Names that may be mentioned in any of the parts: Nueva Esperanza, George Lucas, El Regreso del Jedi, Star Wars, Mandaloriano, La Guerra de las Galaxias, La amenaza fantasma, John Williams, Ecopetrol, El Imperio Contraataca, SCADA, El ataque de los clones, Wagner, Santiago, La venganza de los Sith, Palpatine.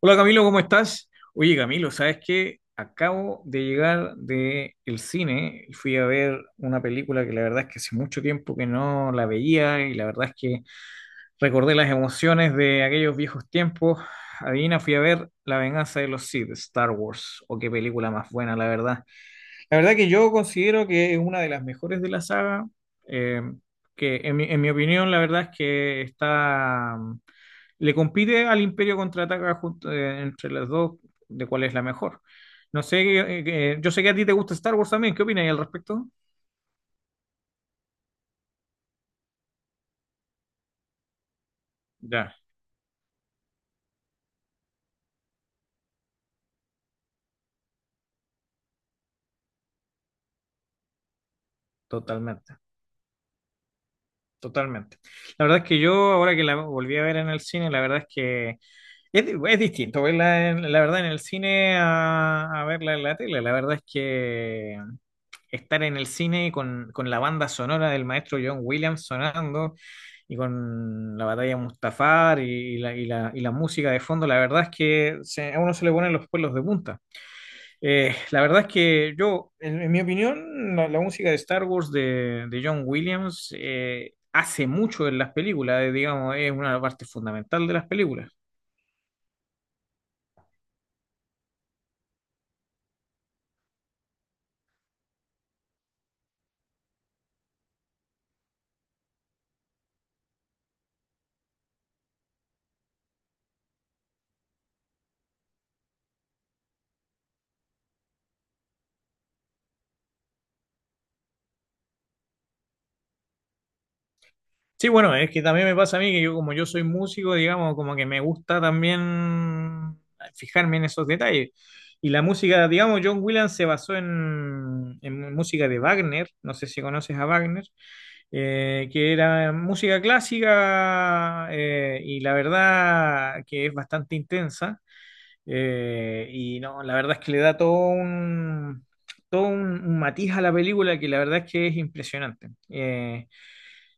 Hola Camilo, ¿cómo estás? Oye Camilo, ¿sabes qué? Acabo de llegar de el cine y fui a ver una película que la verdad es que hace mucho tiempo que no la veía y la verdad es que recordé las emociones de aquellos viejos tiempos. Adivina, fui a ver La Venganza de los Sith, Star Wars. ¡O qué película más buena, la verdad! La verdad que yo considero que es una de las mejores de la saga. eh, que en mi opinión la verdad es que está, le compite al Imperio Contraataca junto, entre las dos, de cuál es la mejor. No sé. Yo sé que a ti te gusta Star Wars también, ¿qué opinas al respecto? Ya, totalmente, totalmente. La verdad es que yo ahora que la volví a ver en el cine, la verdad es que es, es distinto verla, la verdad, en el cine a, verla en la tele. La verdad es que estar en el cine con la banda sonora del maestro John Williams sonando y con la batalla de Mustafar y la música de fondo, la verdad es que a uno se le ponen los pelos de punta. La verdad es que yo, en mi opinión, la música de Star Wars de, John Williams hace mucho en las películas, digamos, es una parte fundamental de las películas. Sí, bueno, es que también me pasa a mí que yo como yo soy músico, digamos, como que me gusta también fijarme en esos detalles. Y la música, digamos, John Williams se basó en, música de Wagner, no sé si conoces a Wagner, que era música clásica. Y la verdad que es bastante intensa. Y no, la verdad es que le da un matiz a la película que la verdad es que es impresionante.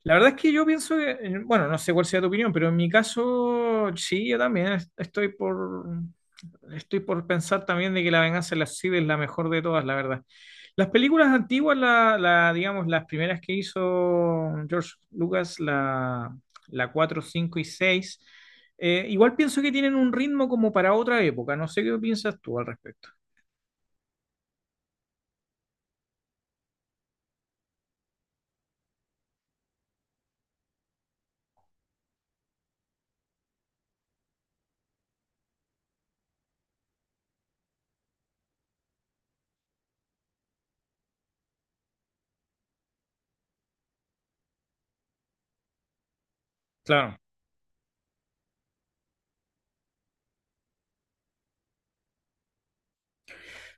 La verdad es que yo pienso que, bueno, no sé cuál sea tu opinión, pero en mi caso, sí, yo también estoy por pensar también de que La Venganza de las Sith es la mejor de todas, la verdad. Las películas antiguas, digamos, las primeras que hizo George Lucas, la 4 5 y 6 igual pienso que tienen un ritmo como para otra época. No sé qué piensas tú al respecto. Claro.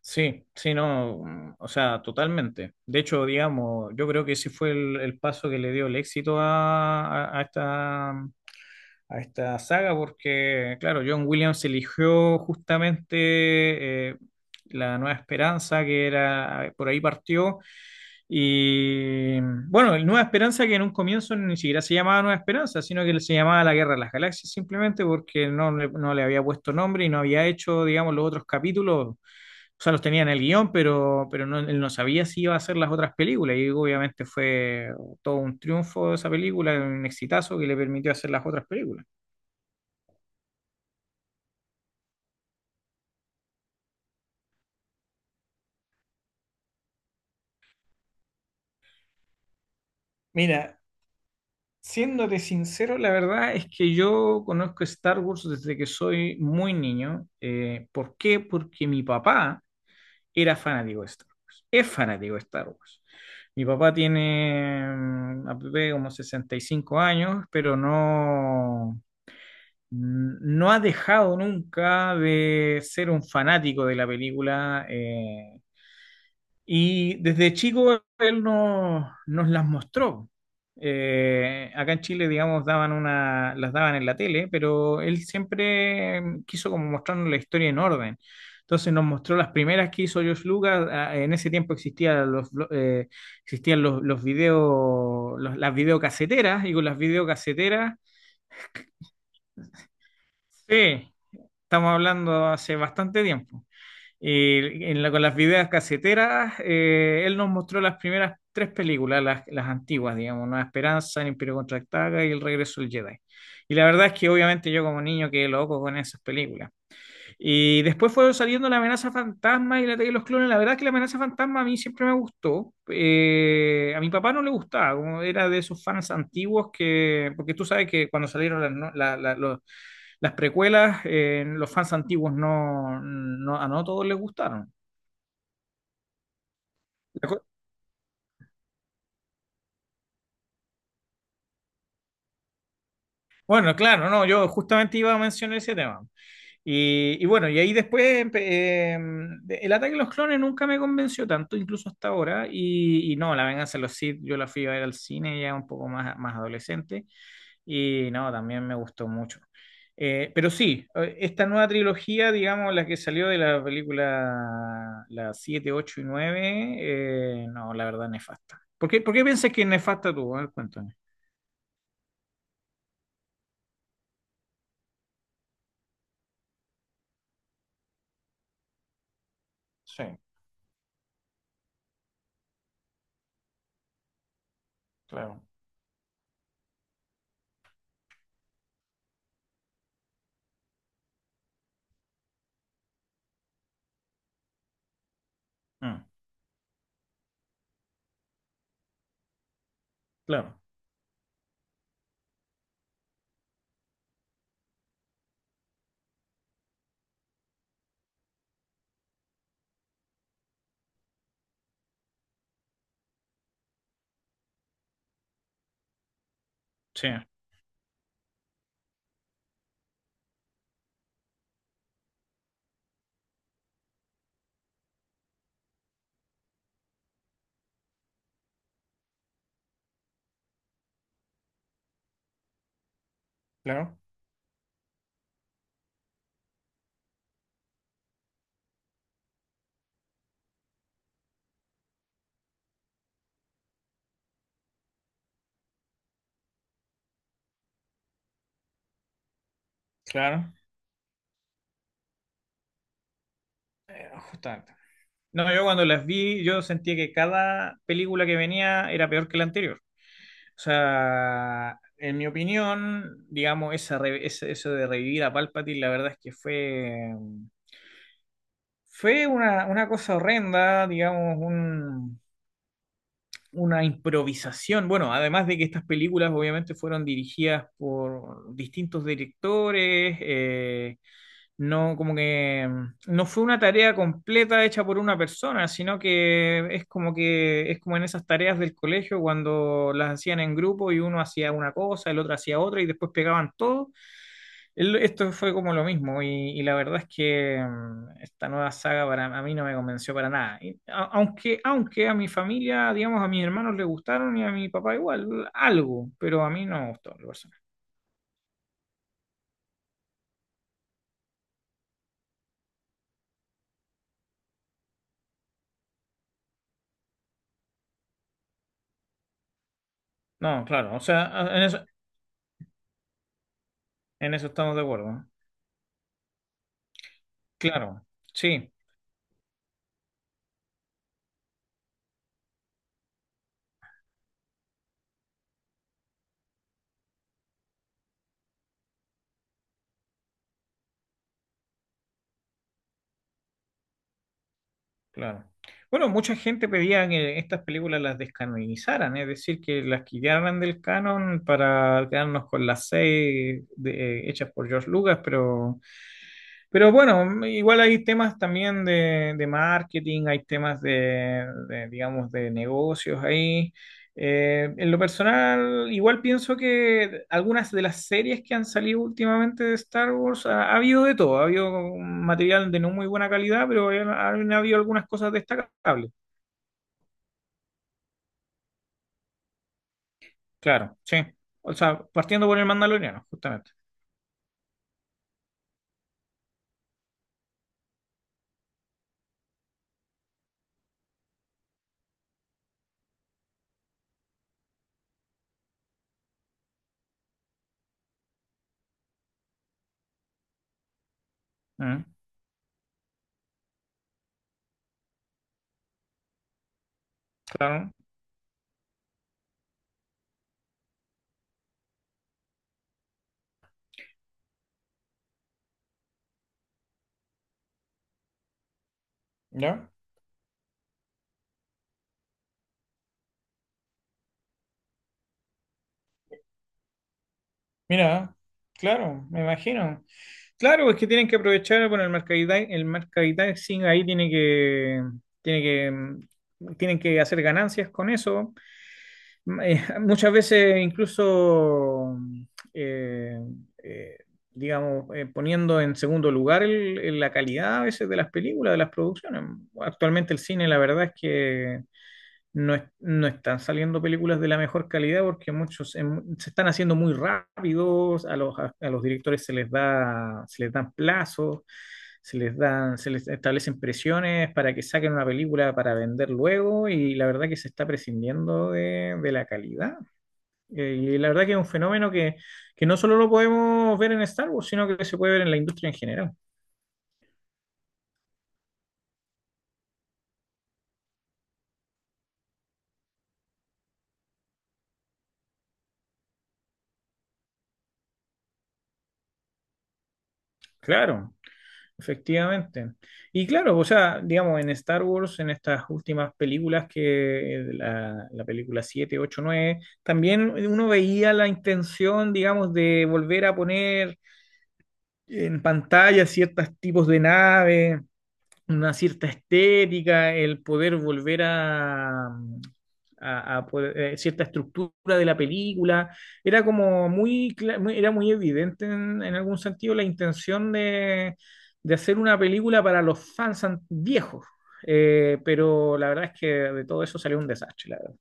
Sí, sí, no, o sea, totalmente. De hecho, digamos, yo creo que ese fue el, paso que le dio el éxito a esta, a esta saga, porque, claro, John Williams eligió justamente eh, La Nueva Esperanza, que era, por ahí partió, y bueno, el Nueva Esperanza que en un comienzo ni siquiera se llamaba Nueva Esperanza, sino que se llamaba La Guerra de las Galaxias, simplemente porque no, no le había puesto nombre y no había hecho, digamos, los otros capítulos. O sea, los tenía en el guión, pero no, él no sabía si iba a hacer las otras películas. Y obviamente fue todo un triunfo esa película, un exitazo que le permitió hacer las otras películas. Mira, siéndote sincero, la verdad es que yo conozco Star Wars desde que soy muy niño. ¿Por qué? Porque mi papá era fanático de Star Wars. Es fanático de Star Wars. Mi papá tiene aproximadamente como 65 años, pero no ha dejado nunca de ser un fanático de la película. Y desde chico él nos las mostró. Acá en Chile, digamos, daban una, las daban en la tele, pero él siempre quiso como mostrarnos la historia en orden. Entonces nos mostró las primeras que hizo George Lucas. Ah, en ese tiempo existían los, blo- existían los videos, las videocaseteras, y con las videocaseteras, sí, estamos hablando hace bastante tiempo. Y en con las videos caseteras, él nos mostró las primeras tres películas, las antiguas, digamos, Nueva Esperanza, El Imperio Contraataca y El Regreso del Jedi. Y la verdad es que obviamente yo como niño quedé loco con esas películas. Y después fueron saliendo La Amenaza Fantasma y la Ataque de los Clones. La verdad es que La Amenaza Fantasma a mí siempre me gustó. A mi papá no le gustaba, como era de esos fans antiguos que, porque tú sabes que cuando salieron las, no- la- la- los- las precuelas, los fans antiguos no, no, a no todos les gustaron. La co- Bueno, claro, no, yo justamente iba a mencionar ese tema. Y bueno, y ahí después el ataque de los clones nunca me convenció tanto, incluso hasta ahora. Y no, La Venganza de los Sith, yo la fui a ver al cine ya un poco más, más adolescente. Y no, también me gustó mucho. Pero sí, esta nueva trilogía, digamos, la que salió de la película las 7 8 y 9 no, la verdad, nefasta. Por qué piensas que es nefasta tú? A ver, cuéntame. Sí, claro, mm, claro, sí, claro, claro. Justamente. No, yo cuando las vi, yo sentía que cada película que venía era peor que la anterior. O sea, en mi opinión, digamos, eso de revivir a Palpatine, la verdad es que fue, una cosa horrenda, digamos, una improvisación. Bueno, además de que estas películas obviamente fueron dirigidas por distintos directores. No, como que no fue una tarea completa hecha por una persona, sino que es como en esas tareas del colegio cuando las hacían en grupo y uno hacía una cosa, el otro hacía otra y después pegaban todo. Esto fue como lo mismo, y, la verdad es que esta nueva saga para a mí no me convenció para nada. Aunque a mi familia, digamos, a mis hermanos les gustaron y a mi papá igual, algo, pero a mí no me gustó, en lo personal. No, claro, o sea, en eso, estamos de acuerdo. Claro. Sí, claro. Bueno, mucha gente pedía que estas películas las descanonizaran, es decir, que las quitaran del canon para quedarnos con las seis hechas por George Lucas, pero bueno, igual hay temas también de marketing, hay temas de, digamos, de negocios ahí. En lo personal, igual pienso que algunas de las series que han salido últimamente de Star Wars, ha, habido de todo, ha habido material de no muy buena calidad, pero han habido algunas cosas destacables. Claro, sí. O sea, partiendo por el Mandaloriano, justamente. Mm, claro, ¿ya? Mira, claro, me imagino. Claro, es que tienen que aprovechar, bueno, el el mercadising ahí tienen que hacer ganancias con eso. Muchas veces incluso, eh, eh, digamos, poniendo en segundo lugar la calidad a veces de las películas, de las producciones. Actualmente el cine, la verdad es que no, no están saliendo películas de la mejor calidad porque muchos se están haciendo muy rápidos, a los directores se les dan plazos, se les establecen presiones para que saquen una película para vender luego y la verdad que se está prescindiendo de la calidad. Y la verdad que es un fenómeno que, no solo lo podemos ver en Star Wars, sino que se puede ver en la industria en general. Claro. Efectivamente. Y claro, o sea, digamos, en Star Wars, en estas últimas películas, que la película 7 8 9 también uno veía la intención, digamos, de volver a poner en pantalla ciertos tipos de naves, una cierta estética, el poder volver a cierta estructura de la película. Era como muy, cla- muy- era muy evidente en algún sentido la intención de, hacer una película para los fans viejos. Pero la verdad es que de todo eso salió un desastre, la verdad.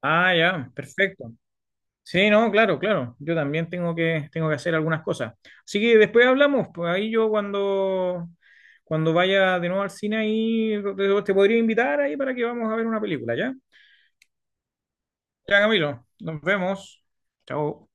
Ah, ya, perfecto. Sí, no, claro, claro. Yo también tengo que, hacer algunas cosas. Así que después hablamos, pues ahí yo cuando vaya de nuevo al cine ahí te podría invitar ahí para que vamos a ver una película, ¿ya? Ya, Camilo, nos vemos. Chao.